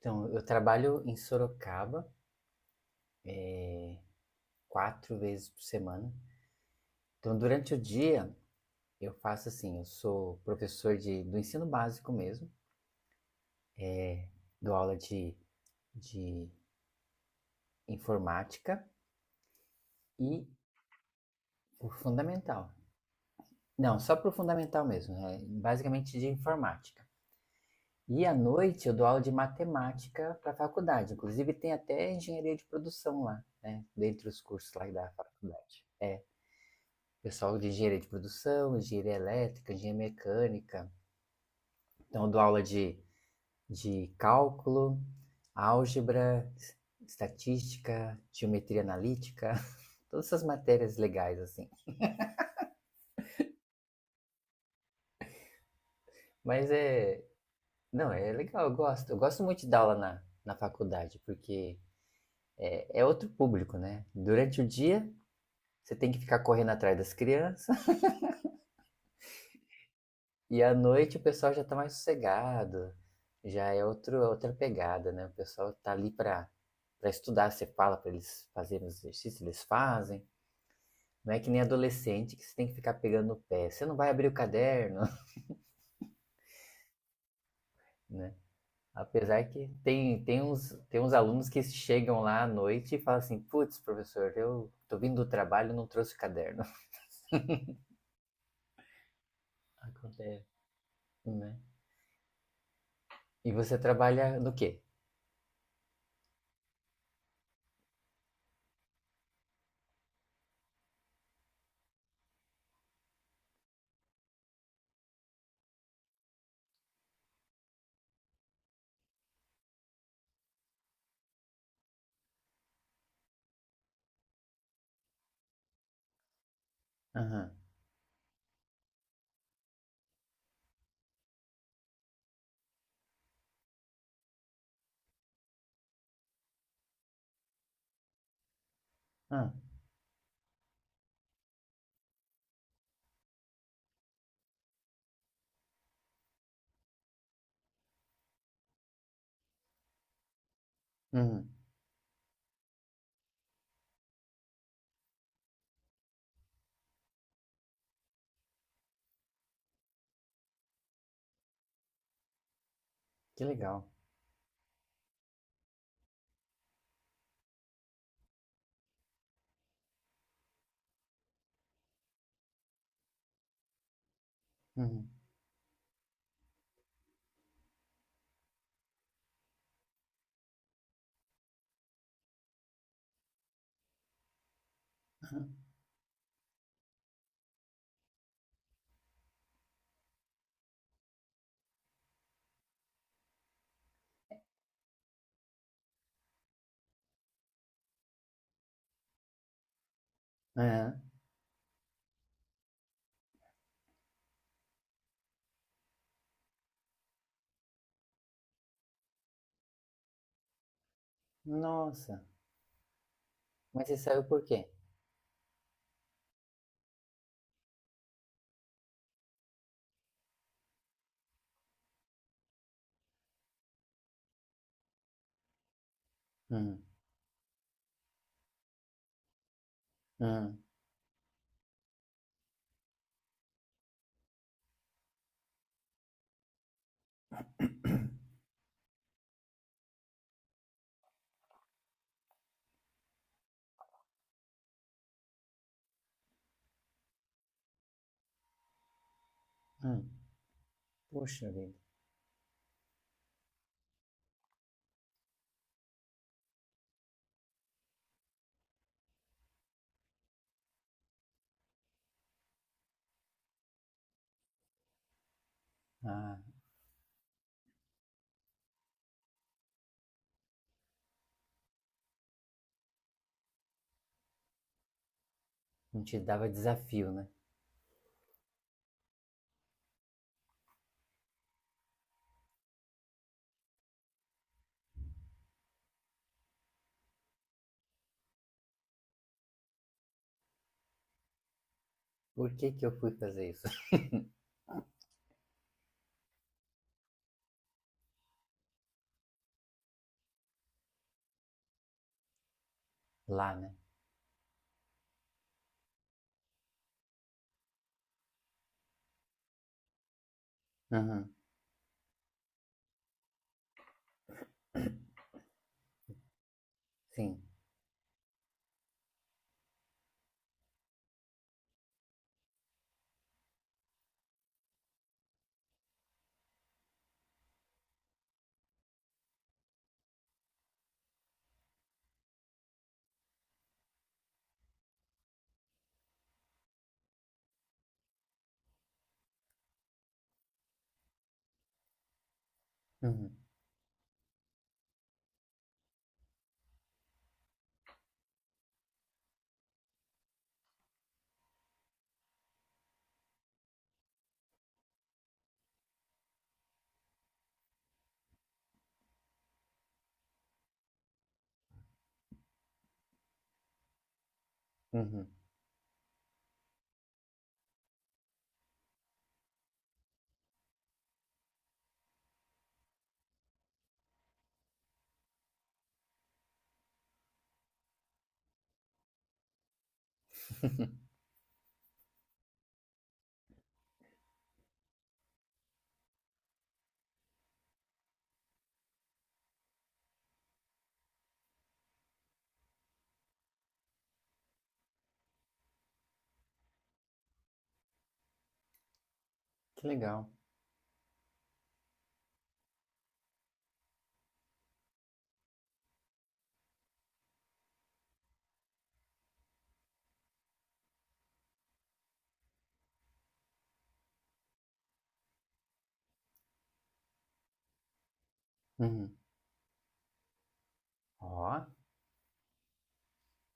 Então, eu trabalho em Sorocaba quatro vezes por semana. Então, durante o dia, eu faço assim: eu sou professor do ensino básico mesmo, é, dou aula de informática e o fundamental. Não, só para o fundamental mesmo, né? Basicamente de informática. E à noite eu dou aula de matemática para a faculdade. Inclusive tem até engenharia de produção lá, né? Dentre os cursos lá da faculdade. Pessoal de engenharia de produção, engenharia elétrica, engenharia mecânica. Então, eu dou aula de cálculo, álgebra, estatística, geometria analítica, todas essas matérias legais, assim. Mas é. Não, é legal, eu gosto. Eu gosto muito de dar aula na faculdade, porque é outro público, né? Durante o dia, você tem que ficar correndo atrás das crianças. E à noite o pessoal já tá mais sossegado, já é outra pegada, né? O pessoal tá ali pra estudar, você fala pra eles fazerem os exercícios, eles fazem. Não é que nem adolescente que você tem que ficar pegando no pé. Você não vai abrir o caderno, né? Apesar que tem uns alunos que chegam lá à noite e falam assim, putz, professor, eu tô vindo do trabalho e não trouxe o caderno, acontece. Né? E você trabalha no quê? Aham, uhum. Ah, uhum, que legal. Uhum, aham. Nossa, mas você saiu por quê? Hum, hum, hum. Puxa vida. Ah, não te dava desafio, né? Por que que eu fui fazer isso? Lá, né? Uhum, sim. Uhum, uhum. Que legal. Uhum. Ó,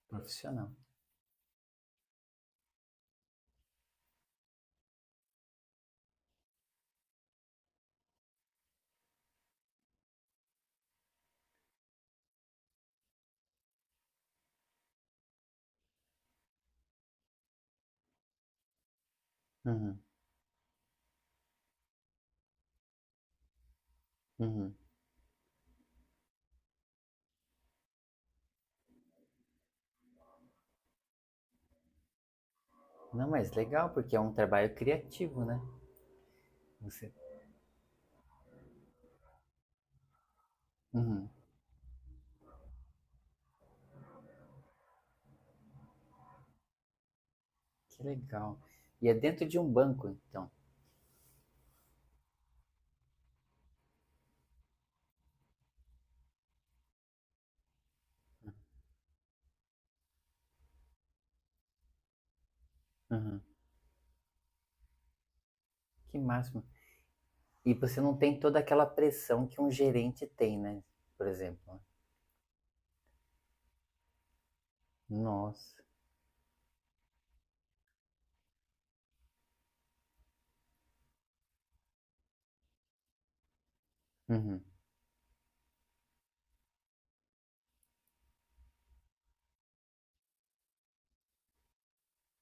profissional. Uhum, uhum. Não, mas legal, porque é um trabalho criativo, né? Você. Uhum. Que legal. E é dentro de um banco, então. Uhum. Que máximo. E você não tem toda aquela pressão que um gerente tem, né? Por exemplo. Né? Nossa. Uhum,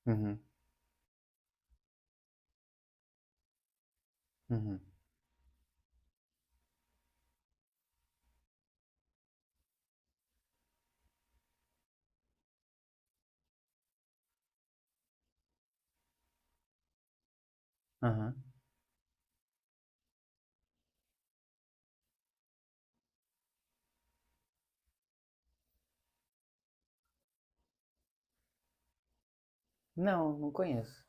uhum, uhum, aham. Não, não conheço.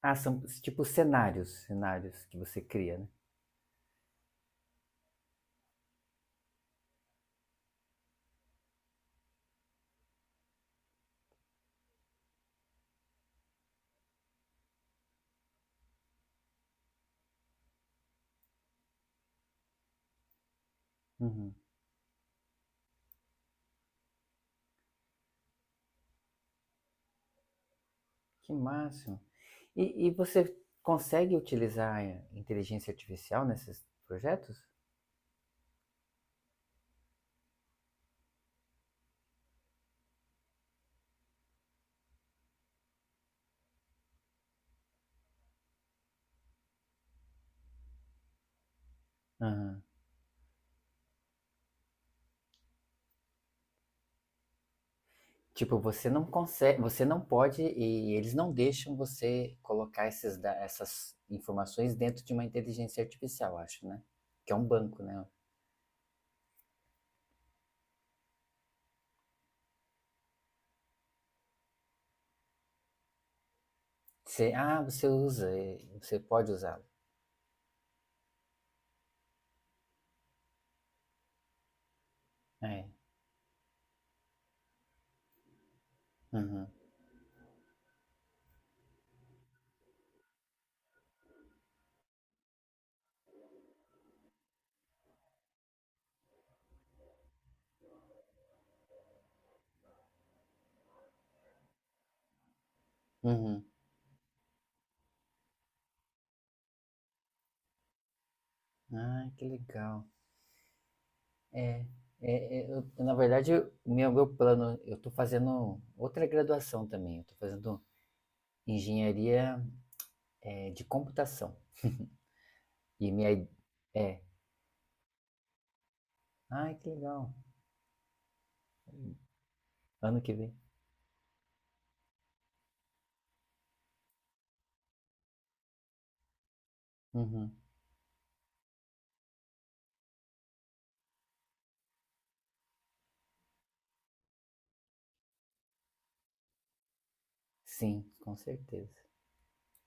Ah, são tipo cenários, cenários que você cria, né? Uhum. Que máximo. E você consegue utilizar a inteligência artificial nesses projetos? Aham. Tipo, você não consegue, você não pode e eles não deixam você colocar essas informações dentro de uma inteligência artificial, acho, né? Que é um banco, né? Você, ah, você usa, é, você pode usá-lo. É. Uhum. Uhum. Ah, que legal. É, Na verdade, o meu plano, eu estou fazendo outra graduação também. Eu estou fazendo engenharia, é, de computação. E minha, i- é. Ai, que legal. Ano que vem. Uhum. Sim, com certeza.